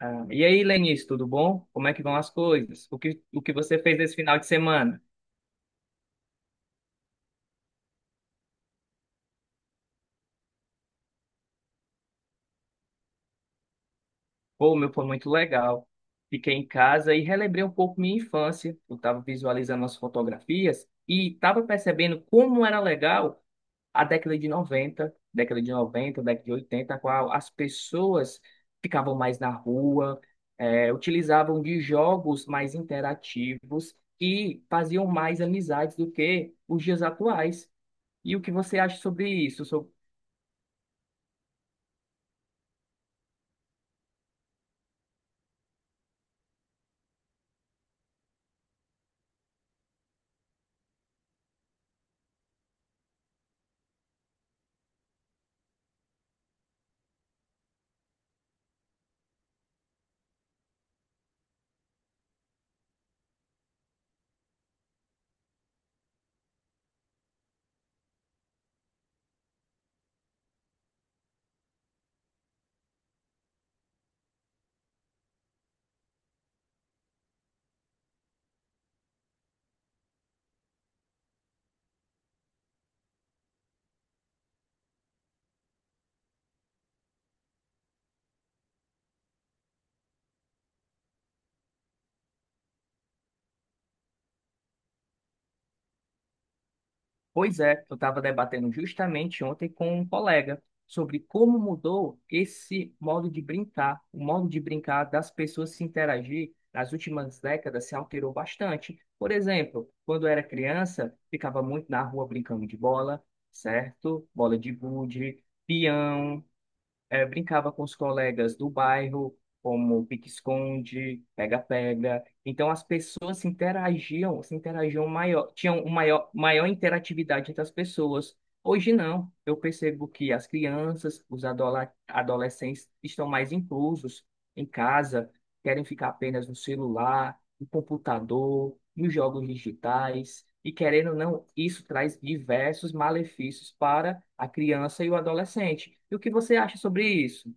Ah, e aí, Lenice, tudo bom? Como é que vão as coisas? O que você fez esse final de semana? Pô, o meu, foi muito legal. Fiquei em casa e relembrei um pouco minha infância. Eu estava visualizando as fotografias e estava percebendo como era legal a década de 90, década de 80, a qual as pessoas ficavam mais na rua, utilizavam de jogos mais interativos e faziam mais amizades do que os dias atuais. E o que você acha sobre isso? Pois é, eu estava debatendo justamente ontem com um colega sobre como mudou esse modo de brincar. O modo de brincar das pessoas se interagir nas últimas décadas se alterou bastante. Por exemplo, quando eu era criança, ficava muito na rua brincando de bola, certo? Bola de gude, peão. Brincava com os colegas do bairro, como pique-esconde, pega-pega. Então as pessoas se interagiam maior, tinham um maior interatividade entre as pessoas. Hoje não. Eu percebo que as crianças, os adolescentes estão mais inclusos em casa, querem ficar apenas no celular o computador, e os jogos digitais, e querendo ou não, isso traz diversos malefícios para a criança e o adolescente. E o que você acha sobre isso?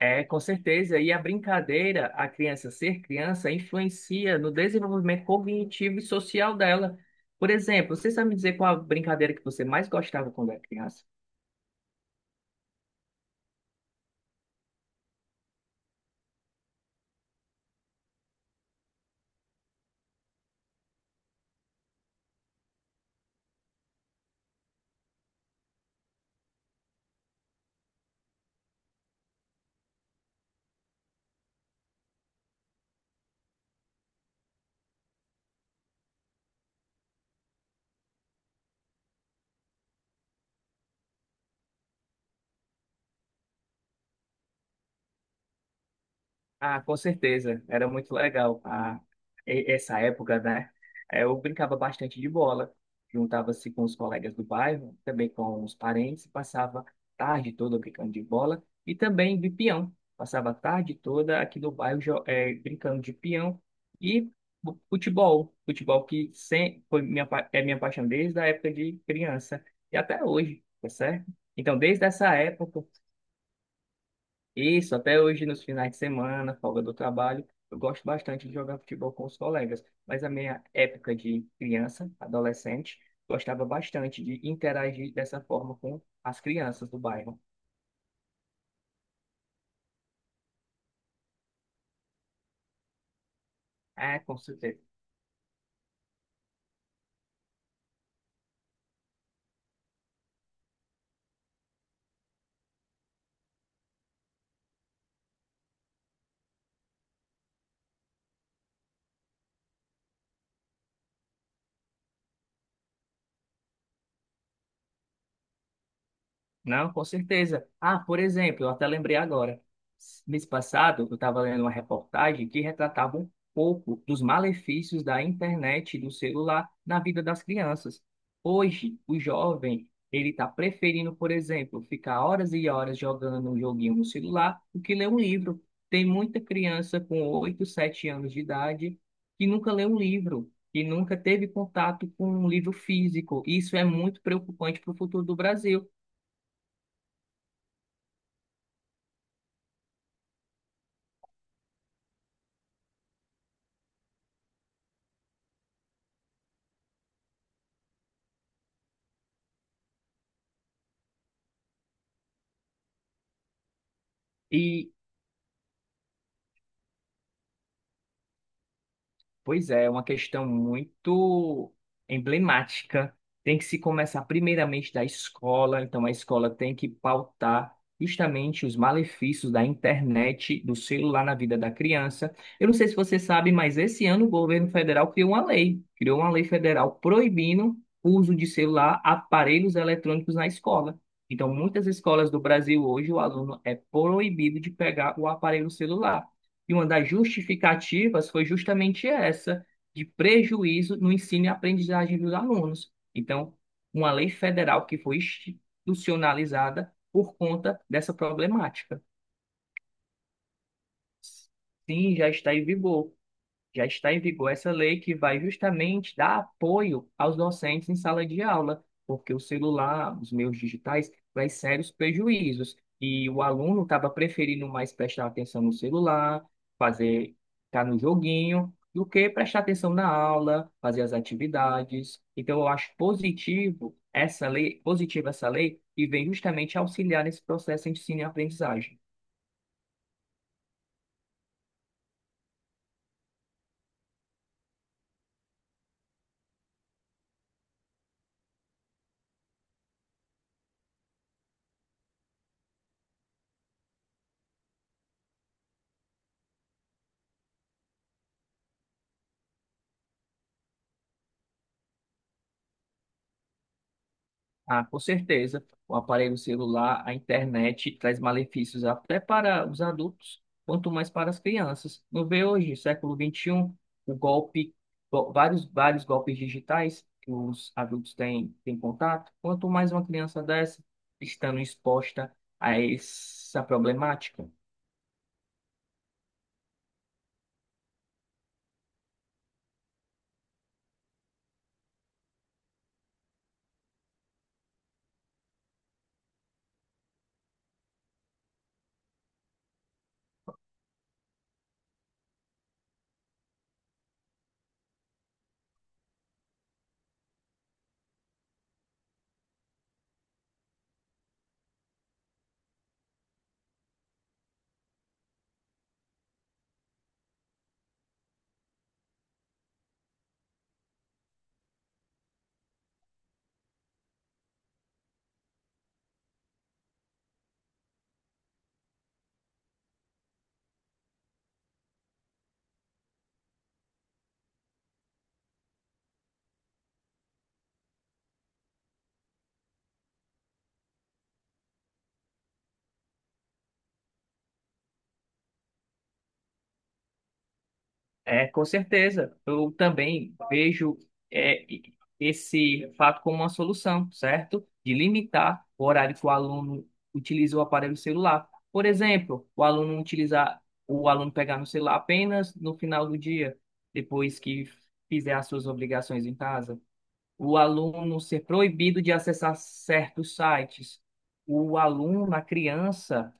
É, com certeza, e a brincadeira, a criança ser criança, influencia no desenvolvimento cognitivo e social dela. Por exemplo, você sabe me dizer qual a brincadeira que você mais gostava quando era criança? Ah, com certeza, era muito legal. Essa época, né? Eu brincava bastante de bola, juntava-se com os colegas do bairro, também com os parentes, passava a tarde toda brincando de bola e também de peão. Passava a tarde toda aqui no bairro brincando de peão e futebol, futebol que sem, foi minha, é minha paixão desde a época de criança e até hoje, tá certo? Então, desde essa época isso, até hoje nos finais de semana, folga do trabalho, eu gosto bastante de jogar futebol com os colegas, mas a minha época de criança, adolescente, gostava bastante de interagir dessa forma com as crianças do bairro. É, com certeza. Não, com certeza. Ah, por exemplo, eu até lembrei agora. Mês passado, eu estava lendo uma reportagem que retratava um pouco dos malefícios da internet e do celular na vida das crianças. Hoje, o jovem, ele está preferindo, por exemplo, ficar horas e horas jogando um joguinho no celular do que ler um livro. Tem muita criança com 8 7 anos de idade que nunca lê um livro, que nunca teve contato com um livro físico. Isso é muito preocupante para o futuro do Brasil. E Pois é, é uma questão muito emblemática. Tem que se começar primeiramente da escola, então a escola tem que pautar justamente os malefícios da internet, do celular na vida da criança. Eu não sei se você sabe, mas esse ano o governo federal criou uma lei federal proibindo o uso de celular, aparelhos eletrônicos na escola. Então, muitas escolas do Brasil hoje, o aluno é proibido de pegar o aparelho celular. E uma das justificativas foi justamente essa, de prejuízo no ensino e aprendizagem dos alunos. Então, uma lei federal que foi institucionalizada por conta dessa problemática. Sim, já está em vigor. Já está em vigor essa lei que vai justamente dar apoio aos docentes em sala de aula, porque o celular, os meios digitais, traz sérios prejuízos. E o aluno estava preferindo mais prestar atenção no celular, fazer, estar no joguinho, do que prestar atenção na aula, fazer as atividades. Então, eu acho positivo essa lei, positiva essa lei, e vem justamente auxiliar nesse processo de ensino e aprendizagem. Ah, com certeza. O aparelho celular, a internet traz malefícios até para os adultos, quanto mais para as crianças. Não vê hoje, século XXI, o golpe, vários, vários golpes digitais que os adultos têm, têm contato. Quanto mais uma criança dessa estando exposta a essa problemática. É, com certeza. Eu também vejo esse fato como uma solução, certo? De limitar o horário que o aluno utiliza o aparelho celular. Por exemplo, o aluno utilizar, o aluno pegar no celular apenas no final do dia, depois que fizer as suas obrigações em casa. O aluno ser proibido de acessar certos sites. O aluno, a criança,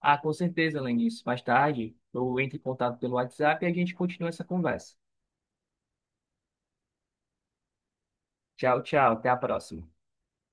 Ah, com certeza, Lenice. Mais tarde, eu entro em contato pelo WhatsApp e a gente continua essa conversa. Tchau, tchau. Até a próxima.